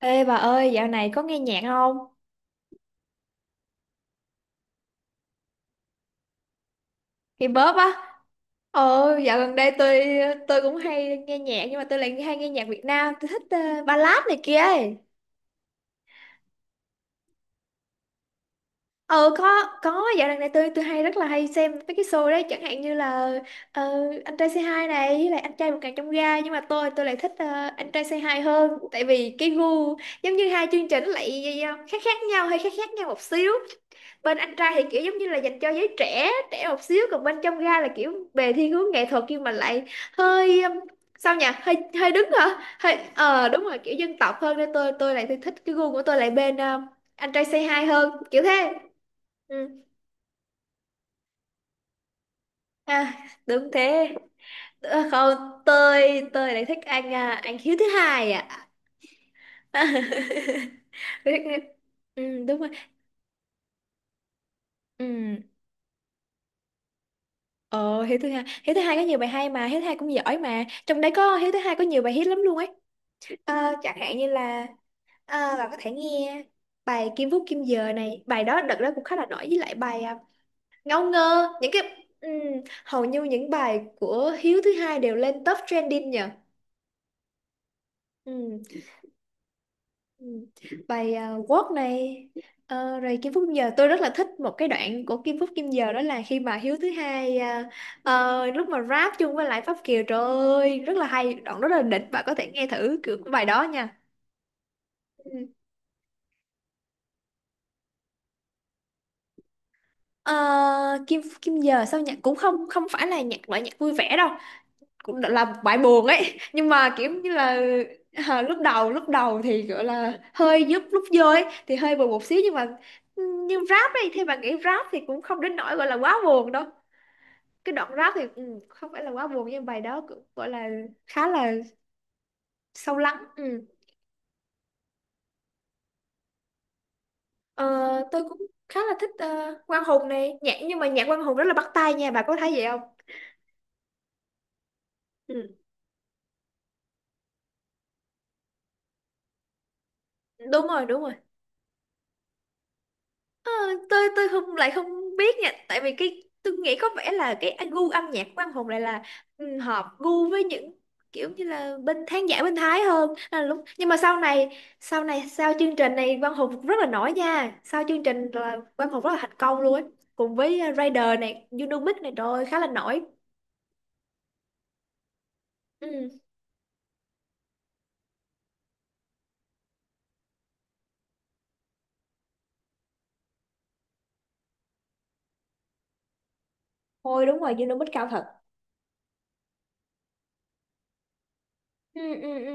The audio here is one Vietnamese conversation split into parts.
Ê bà ơi, dạo này có nghe nhạc không? K-pop á. Dạo gần đây tôi cũng hay nghe nhạc nhưng mà tôi lại hay nghe nhạc Việt Nam, tôi thích ballad này kia ấy. Ờ có dạo gần đây tôi hay rất là hay xem mấy cái show đấy, chẳng hạn như là ờ, anh trai Say Hi này với lại anh trai vượt ngàn chông gai, nhưng mà tôi lại thích anh trai Say Hi hơn tại vì cái gu giống như hai chương trình lại khác khác nhau, hơi khác khác nhau một xíu. Bên anh trai thì kiểu giống như là dành cho giới trẻ trẻ một xíu, còn bên trong ga là kiểu về thiên hướng nghệ thuật nhưng mà lại hơi sao nhỉ, hơi hơi đứng hả, hơi đúng rồi, kiểu dân tộc hơn nên tôi lại thích cái gu của tôi lại bên anh trai say hi hơn, kiểu thế. Ừ. À, đúng thế. Ờ, không, tôi lại thích anh anh Hiếu thứ hai ạ. Tôi thích- anh- ừ, đúng rồi. Ừ. Ờ, Hiếu thứ hai có nhiều bài hay mà, Hiếu thứ hai cũng giỏi mà, trong đấy có Hiếu thứ hai có nhiều bài hit lắm luôn ấy. Ờ, chẳng hạn như là bạn có thể nghe bài Kim Phúc Kim Giờ này, bài đó đợt đó cũng khá là nổi, với lại bài Ngâu Ngơ, những cái hầu như những bài của Hiếu thứ hai đều lên top trending nhờ. Ừm, ừm. Bài Walk này, rồi Kim Phúc Kim Giờ. Tôi rất là thích một cái đoạn của Kim Phúc Kim Giờ, đó là khi mà Hiếu thứ hai lúc mà rap chung với lại Pháp Kiều, trời ơi rất là hay, đoạn rất là đỉnh, bạn có thể nghe thử kiểu bài đó nha. Ờ, Kim Kim giờ sao nhạc cũng không không phải là nhạc loại nhạc vui vẻ đâu, cũng là một bài buồn ấy, nhưng mà kiểu như là lúc đầu thì gọi là hơi giúp lúc vô ấy thì hơi buồn một xíu, nhưng mà nhưng rap ấy thì bạn nghĩ rap thì cũng không đến nỗi gọi là quá buồn đâu. Cái đoạn rap thì ừ, không phải là quá buồn, nhưng bài đó cũng gọi là khá là sâu lắng. Ừ. Ờ, tôi cũng khá là thích Quang Hùng này, nhạc nhưng mà nhạc Quang Hùng rất là bắt tai nha, bà có thấy vậy không? Ừ. Đúng rồi, đúng rồi. Ờ, tôi không lại không biết nha, tại vì cái tôi nghĩ có vẻ là cái anh gu âm nhạc của anh Hùng lại là ừ, hợp gu với những kiểu như là bên khán giả bên Thái hơn. Nên là lúc, nhưng mà sau này, sau chương trình này Quang Hùng rất là nổi nha, sau chương trình là Quang Hùng rất là thành công luôn ấy. Cùng với Raider này, Unimic này, trời ơi, khá là nổi. Ừ. Thôi đúng rồi, Unibet cao thật. Ừ, ừ, ừ.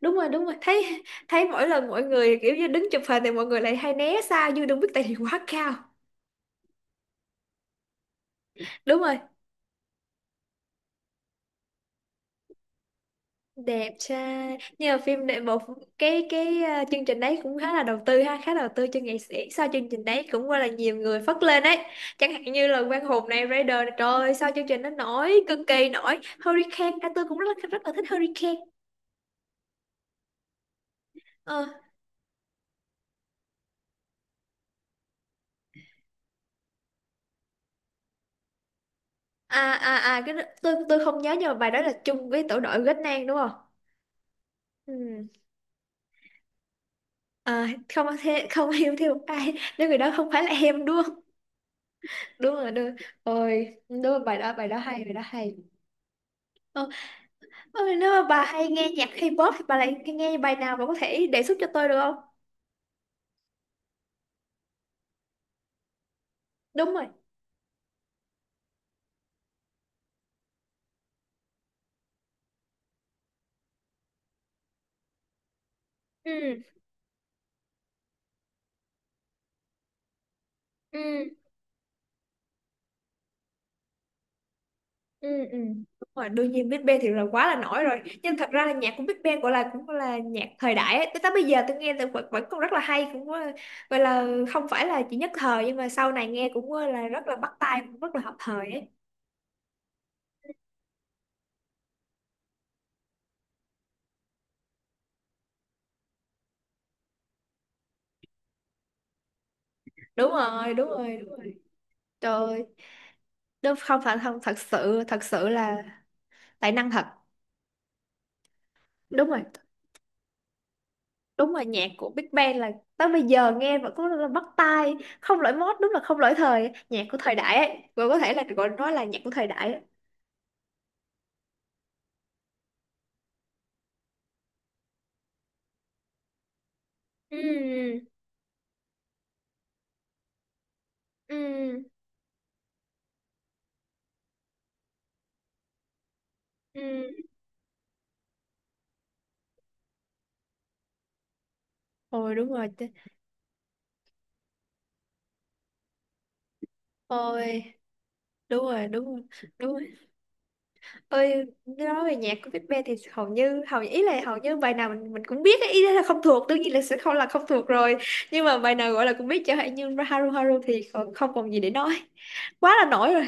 Đúng rồi, đúng rồi, thấy thấy mỗi lần mọi người kiểu như đứng chụp hình thì mọi người lại hay né xa như đừng biết tại vì quá cao. Đúng rồi, đẹp trai nhưng mà phim đệ một. Cái chương trình đấy cũng khá là đầu tư ha, khá đầu tư cho nghệ sĩ, sau chương trình đấy cũng gọi là nhiều người phất lên đấy, chẳng hạn như là Quang Hùng này, Raider này, trời ơi, sau chương trình nó nổi cực kỳ nổi. Hurricane tôi cũng rất rất là thích Hurricane. Ờ, tôi không nhớ, nhưng mà bài đó là chung với tổ đội Ghét Nang đúng không. Ừ. À, không thế không yêu thêm một ai nếu người đó không phải là em, đúng không? Đúng rồi, đúng rồi. Ôi đúng rồi, bài đó, bài đó hay. Ờ, ôi, nếu mà bà hay nghe nhạc K-pop thì bà lại nghe bài nào, bà có thể đề xuất cho tôi được không? Đúng rồi. Ừ, ừ, ừ, ừ. Đúng rồi, đương nhiên Big Bang thì là quá là nổi rồi. Nhưng thật ra là nhạc của Big Bang gọi là cũng gọi là nhạc thời đại ấy. Tới tới bây giờ tôi nghe là vẫn, vẫn còn rất là hay, cũng gọi là không phải là chỉ nhất thời, nhưng mà sau này nghe cũng là rất là bắt tai, cũng rất là hợp thời ấy. Đúng rồi, đúng rồi, đúng rồi. Trời ơi, đúng không phải không, thật sự thật sự là tài năng thật. Đúng rồi. Đúng rồi, nhạc của Big Bang là tới bây giờ nghe vẫn có là bắt tai, không lỗi mốt, đúng là không lỗi thời, nhạc của thời đại ấy, vẫn có thể là gọi nói là nhạc của thời đại ấy. Ừ, ừ, ừ. Ôi đúng rồi chứ. Ôi đúng rồi, đúng rồi, đúng rồi. Ơi nói về nhạc của Big Bang thì hầu như hầu ý là hầu như bài nào mình cũng biết ấy. Ý là không thuộc, đương nhiên là sẽ không là không thuộc rồi, nhưng mà bài nào gọi là cũng biết, chẳng hạn như Haru Haru thì còn không còn gì để nói, quá là nổi rồi.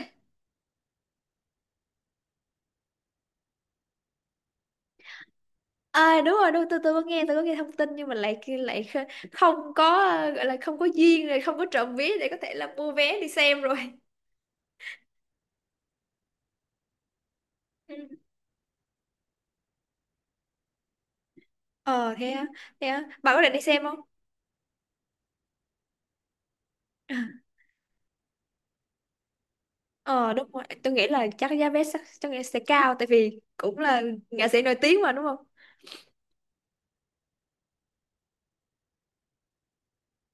À đúng rồi, đúng, tôi có nghe, tôi có nghe thông tin nhưng mà lại lại không có gọi là không có duyên rồi, không có trộm vé để có thể là mua vé đi xem rồi. Ừ. Ờ thế á, thế á. Bạn có định đi xem không? Ờ đúng rồi, tôi nghĩ là chắc giá vé chắc, tôi nghĩ sẽ cao tại vì cũng là nghệ sĩ nổi tiếng mà, đúng không?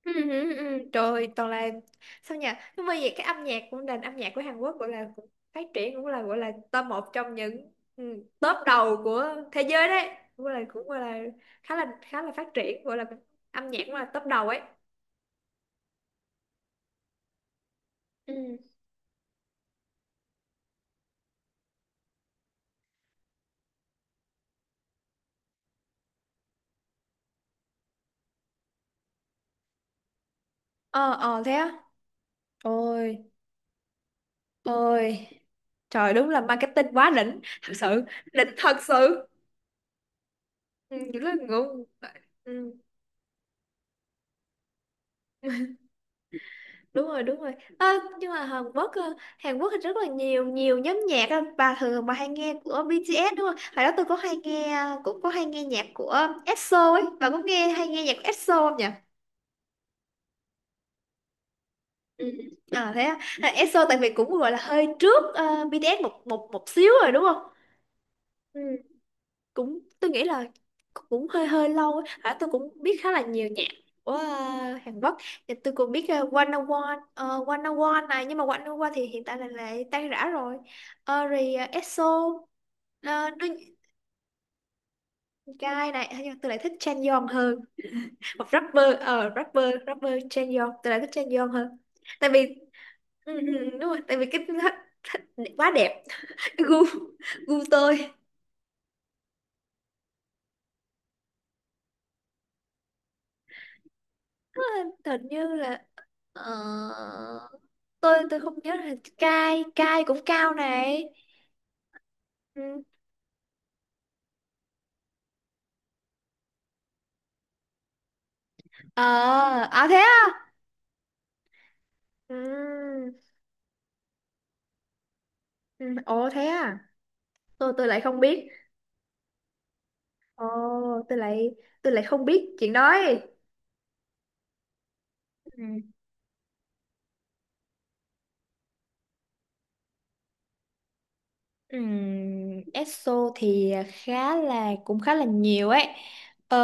Ừ, ừ, ừ. Trời ơi, toàn là sao nhỉ, nhưng mà vậy cái âm nhạc của nền âm nhạc của Hàn Quốc gọi là cũng phát triển, cũng là gọi là top một trong những ừ, top đầu của thế giới đấy, cũng là cũng gọi là khá là khá là phát triển, gọi là âm nhạc cũng là top đầu ấy. Ừ. Ờ, ờ thế á. Ôi, ôi trời, đúng là marketing quá đỉnh thật sự, đỉnh thật sự. Ừ, rất là ngưỡng. Ừ. Đúng rồi, đúng rồi. À, nhưng mà Hàn Quốc Hàn Quốc thì rất là nhiều nhiều nhóm nhạc á. Bà thường bà hay nghe của BTS đúng không? Hồi đó tôi có hay nghe, cũng có hay nghe nhạc của EXO ấy, bà có nghe hay nghe nhạc của EXO không nhỉ? Ừ. À thế á. À, EXO tại vì cũng gọi là hơi trước BTS một một một xíu rồi, đúng không? Cũng tôi nghĩ là cũng hơi hơi lâu á. À, tôi cũng biết khá là nhiều nhạc của Hàn Quốc thì tôi cũng biết 101 này, nhưng mà 101 thì hiện tại là lại tan rã rồi. Ờ, rồi ờ, EXO ờ, nó guy này nhưng mà tôi lại thích Chan Yeon hơn, hoặc rapper ờ rapper rapper Chan Yeon, tôi lại thích Chan Yeon hơn tại vì ừ, ừ, đúng rồi tại vì cái quá đẹp. Gu, gu tôi. Ờ, hình như là ờ, tôi không nhớ là cai, cai cũng cao này. Ừ. Ờ, à thế à. Ừ. Ừ, ồ thế à, tôi lại không biết. Ồ, tôi lại tôi lại không biết chuyện đó ấy. Ừ. ESO thì khá là cũng khá là nhiều ấy, ờ,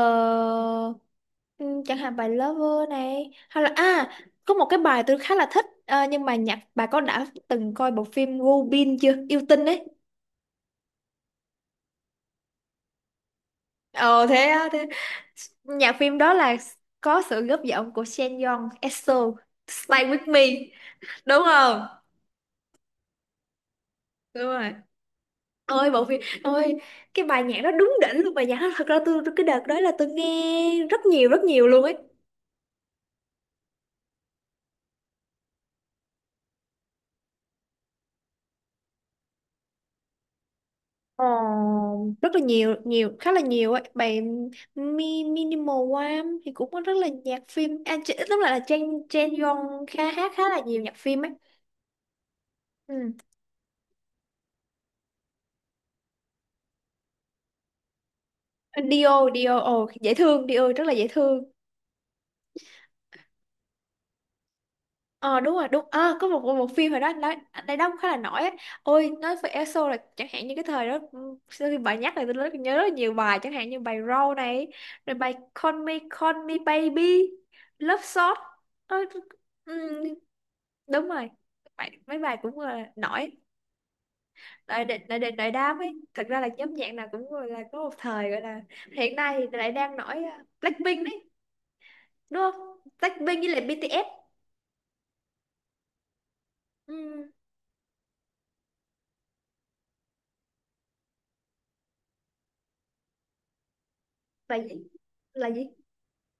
chẳng hạn bài Lover này, hay là à, có một cái bài tôi khá là thích nhưng mà nhạc, bà có đã từng coi bộ phim Robin chưa, yêu tinh ấy. Ồ thế á, thế nhạc phim đó là có sự góp giọng của Shen Yong, EXO, Stay With Me, đúng không? Đúng rồi. Ôi bộ phim, ôi cái bài nhạc đó đúng đỉnh luôn, bài nhạc đó thật ra cái đợt đó là tôi nghe rất nhiều, rất nhiều luôn ấy. Ờ, rất là nhiều nhiều, khá là nhiều ấy. Bài Mi, Minimal Wham thì cũng có rất là nhạc phim, à, lúc lại là Chen Chen Yong khá hát khá là nhiều nhạc phim ấy. Ừ. Dio Dio, ồ dễ thương, Dio rất là dễ thương. Ờ đúng rồi đúng, à, có một một phim hồi đó nó đây đóng khá là nổi ấy. Ôi nói về ESO là chẳng hạn như cái thời đó ừ, sau khi bà nhắc là nhớ rất là nhiều bài, chẳng hạn như bài row này, rồi bài Call Me Call Me Baby, Love Shot. Ờ, ừ, đúng rồi, bài, mấy bài cũng là nổi. Đại định, đại định đại đám ấy, thật ra là nhóm nhạc nào cũng gọi là có một thời gọi là hiện nay thì lại đang nổi à, Blackpink đấy, đúng không? Blackpink với lại BTS. Ừ, là gì, là gì?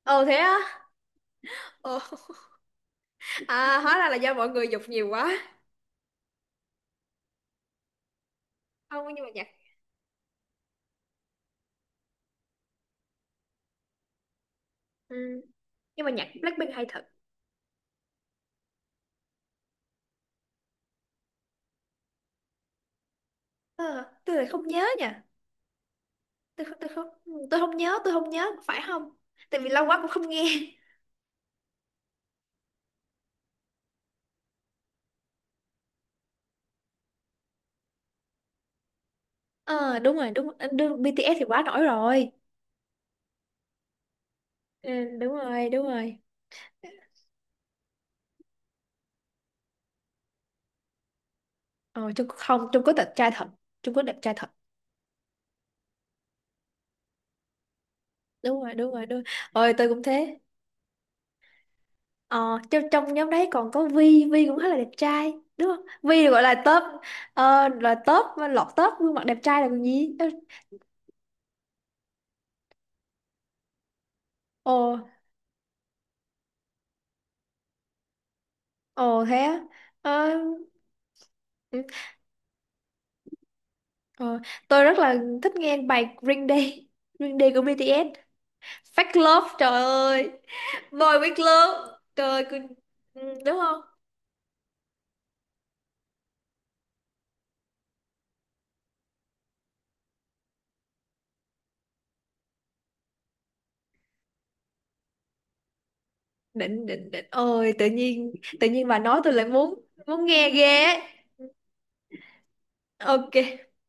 Ờ thế á. Ồ, à, hóa ra là do mọi người dục nhiều quá. Không, nhưng mà nhạc ừ, nhưng mà nhạc Blackpink hay thật. Ờ, tôi lại không nhớ nha. Tôi không, tôi không, tôi không nhớ, phải không? Tại vì lâu quá cũng không nghe. Ờ đúng rồi đúng, đúng BTS thì quá nổi rồi. Ừ, đúng rồi, đúng rồi. Ờ, Trung Quốc không, Trung Quốc đẹp trai thật, Trung Quốc đẹp trai thật. Đúng rồi, đúng rồi, đúng rồi. Tôi cũng thế. Ờ, trong nhóm đấy còn có Vi, Vi cũng khá là đẹp trai, đúng không? Vi gọi là top, là top, lọt top gương mặt đẹp trai là còn gì. Ồ, ồ thế á. Ờ, ừ, ờ, tôi rất là thích nghe bài Green Day, Green Day của BTS. Fake Love, trời ơi. Boy with Love, trời ơi, ừ, đúng không? Định, định, định. Ôi, tự nhiên bà nói tôi lại muốn nghe ghê ấy. Ok.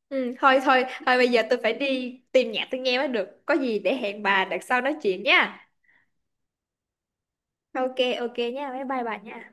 Ừ, thôi bây giờ tôi phải đi tìm nhạc tôi nghe mới được. Có gì để hẹn bà đợt sau nói chuyện nha. Ok, ok nha, bye bye bà nha.